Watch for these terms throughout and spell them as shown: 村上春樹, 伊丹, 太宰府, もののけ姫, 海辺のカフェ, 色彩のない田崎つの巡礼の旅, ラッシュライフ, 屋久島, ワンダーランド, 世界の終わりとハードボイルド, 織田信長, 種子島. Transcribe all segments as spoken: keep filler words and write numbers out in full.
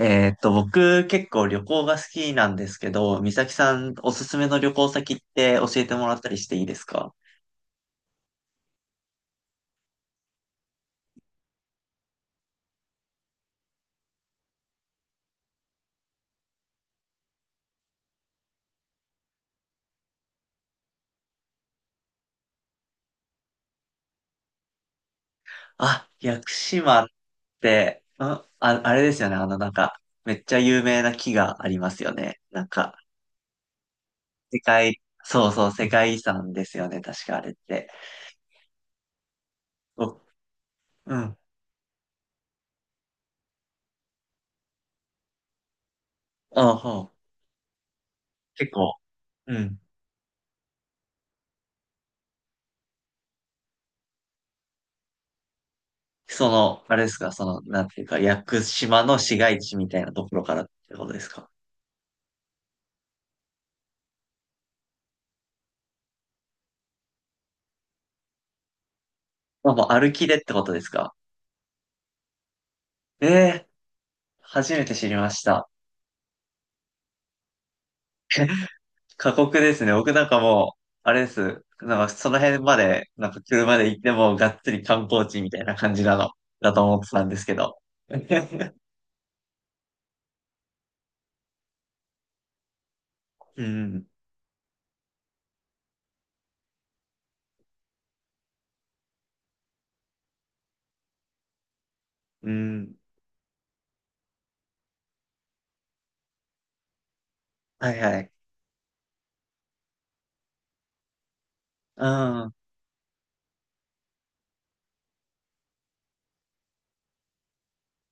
えーっと、僕結構旅行が好きなんですけど、美咲さんおすすめの旅行先って教えてもらったりしていいですか？あ、屋久島って、んあ、あれですよね。あの、なんか、めっちゃ有名な木がありますよね。なんか、世界、そうそう、世界遺産ですよね、確かあれって。お、うん。あ、ほう。結構、うん。その、あれですか、その、なんていうか、屋久島の市街地みたいなところからってことですか？まあ、もう歩きでってことですか？ええー、初めて知りました。過酷ですね。僕なんかもう、あれです。なんかその辺まで、なんか車で行ってもがっつり観光地みたいな感じなの、だと思ってたんですけど。うん、うん、はいはい。うん。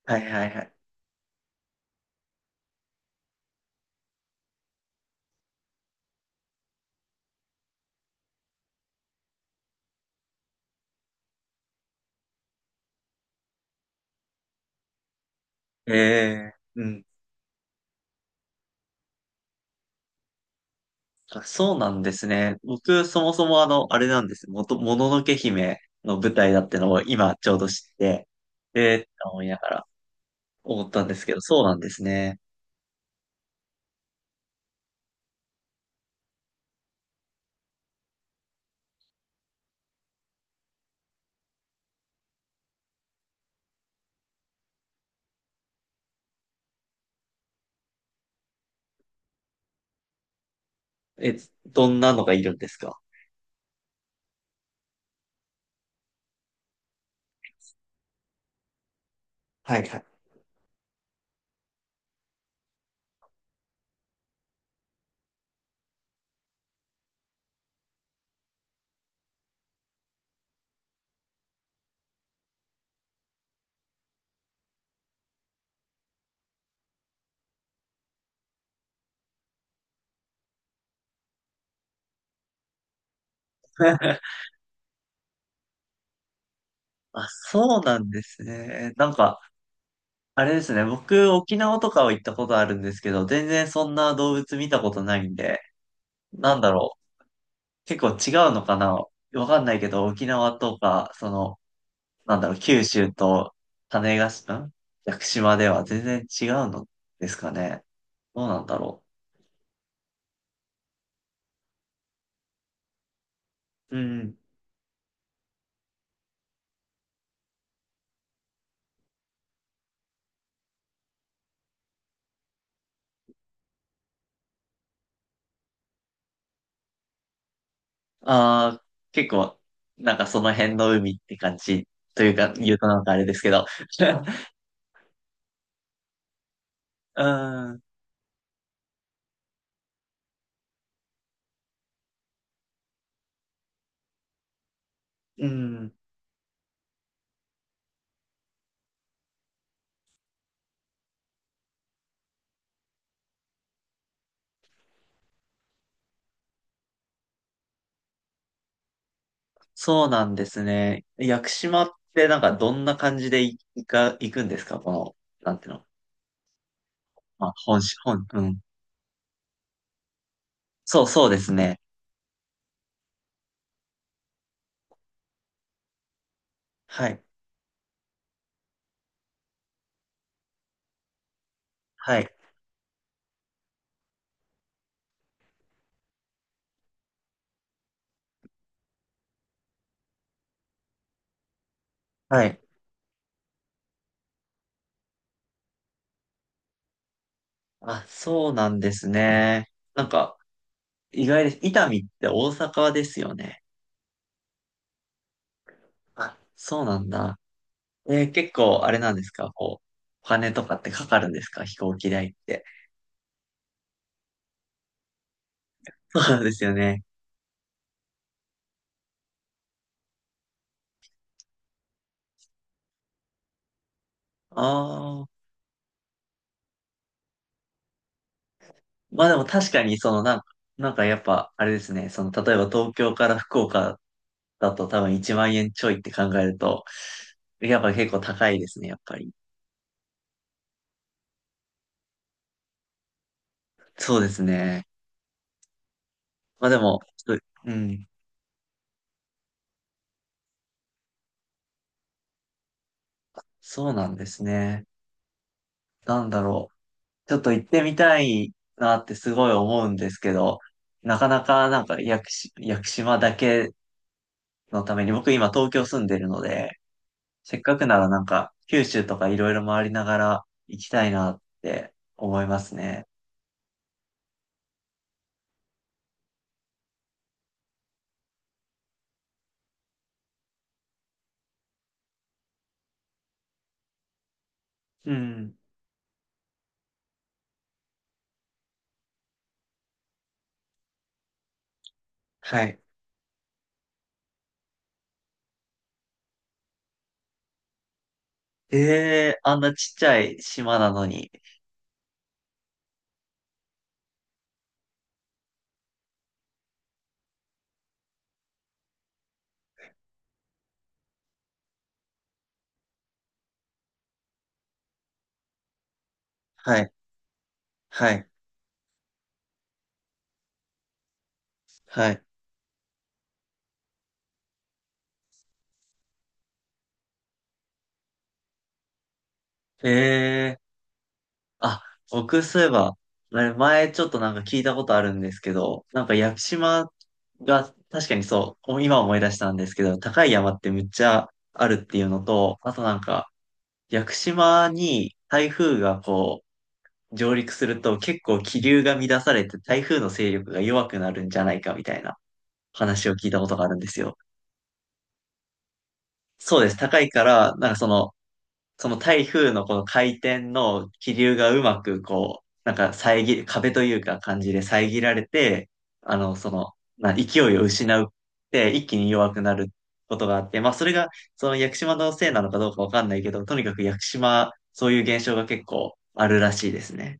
はいはいはい。ええうん。あ、そうなんですね。僕、そもそもあの、あれなんです。もと、もののけ姫の舞台だってのを今ちょうど知って、えーって思いながら思ったんですけど、そうなんですね。え、どんなのがいるんですか？ はいはい。あ、そうなんですね。なんか、あれですね。僕、沖縄とかは行ったことあるんですけど、全然そんな動物見たことないんで、なんだろう。結構違うのかなわかんないけど、沖縄とか、その、なんだろう、九州と種子島、ん屋久島では全然違うのですかね。どうなんだろう。うんうん。ああ、結構、なんかその辺の海って感じというか、言うとなんかあれですけど。うん、うん、そうなんですね。屋久島ってなんかどんな感じでい行か、行くんですかこの、なんていうの？まあ、本州、本、うん。そうそうですね。はい、はい、はい。あ、そうなんですね。なんか、意外です。伊丹って大阪ですよね。あ、そうなんだ。えー結構あれなんですかこう、お金とかってかかるんですか飛行機代って？そうなんですよね。ああ。まあでも確かに、そのなんか、なんかやっぱ、あれですね。その、例えば東京から福岡だと多分いちまん円ちょいって考えると、やっぱ結構高いですね、やっぱり。そうですね。まあでも、ちょっとうん。そうなんですね。なんだろう。ちょっと行ってみたいなってすごい思うんですけど、なかなかなんか屋久し屋久島だけのために、僕今東京住んでるので、せっかくならなんか九州とかいろいろ回りながら行きたいなって思いますね。うん。はい。ええ、あんなちっちゃい島なのに。はい。はい。はい。ええ、あ、僕そういえば、あれ前ちょっとなんか聞いたことあるんですけど、なんか屋久島が確かにそう、お今思い出したんですけど、高い山ってむっちゃあるっていうのと、あとなんか屋久島に台風がこう上陸すると結構気流が乱されて台風の勢力が弱くなるんじゃないかみたいな話を聞いたことがあるんですよ。そうです。高いから、なんかそのその台風のこの回転の気流がうまくこう、なんか遮り、壁というか感じで遮られて、あの、その、な勢いを失うって一気に弱くなることがあって、まあそれがその屋久島のせいなのかどうかわかんないけど、とにかく屋久島、そういう現象が結構あるらしいですね。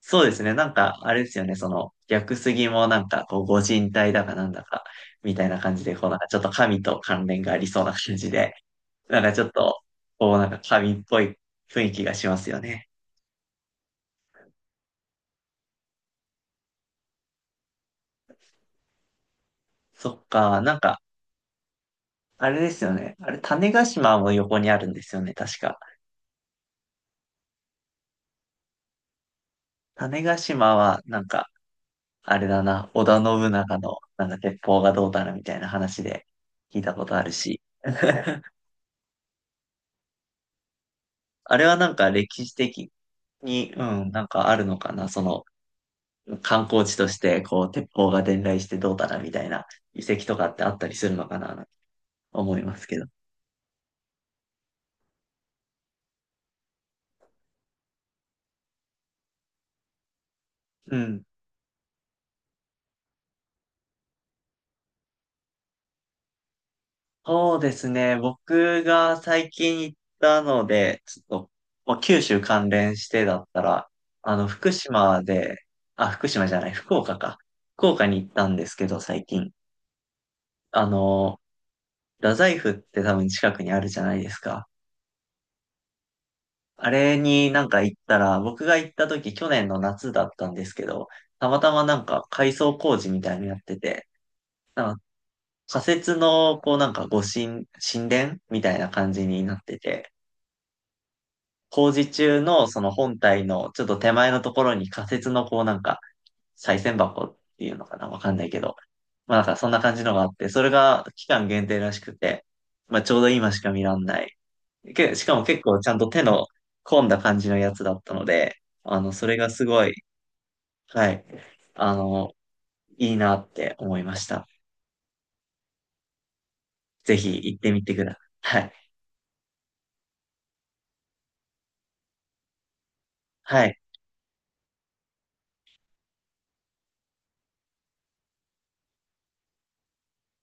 そうですね。なんか、あれですよね。その、屋久杉もなんか、こう、ご神体だかなんだか、みたいな感じで、こう、なんかちょっと神と関連がありそうな感じで、なんかちょっと、こうなんか神っぽい雰囲気がしますよね。そっか、なんか、あれですよね。あれ、種子島も横にあるんですよね、確か。種子島は、なんか、あれだな、織田信長の、なんか鉄砲がどうだなみたいな話で聞いたことあるし。あれはなんか歴史的に、うん、なんかあるのかな、その観光地として、こう、鉄砲が伝来してどうだなみたいな遺跡とかってあったりするのかな、思いますけど。うん。そうですね。僕が最近行ったので、ちょっと、まあ、九州関連してだったら、あの、福島で、あ、福島じゃない、福岡か。福岡に行ったんですけど、最近。あの、太宰府って多分近くにあるじゃないですか。あれになんか行ったら、僕が行った時、去年の夏だったんですけど、たまたまなんか改装工事みたいになのやってて、なんか仮設の、こうなんか御神、神殿みたいな感じになってて、工事中のその本体のちょっと手前のところに仮設のこうなんか、再銭箱っていうのかなわかんないけど。まあなんかそんな感じのがあって、それが期間限定らしくて、まあちょうど今しか見らんない。け、しかも結構ちゃんと手の込んだ感じのやつだったので、あの、それがすごい、はい、あの、いいなって思いました。ぜひ行ってみてください。はい。はい。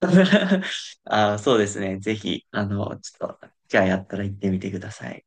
あ、そうですね。ぜひ、あの、ちょっと、じゃあやったら行ってみてください。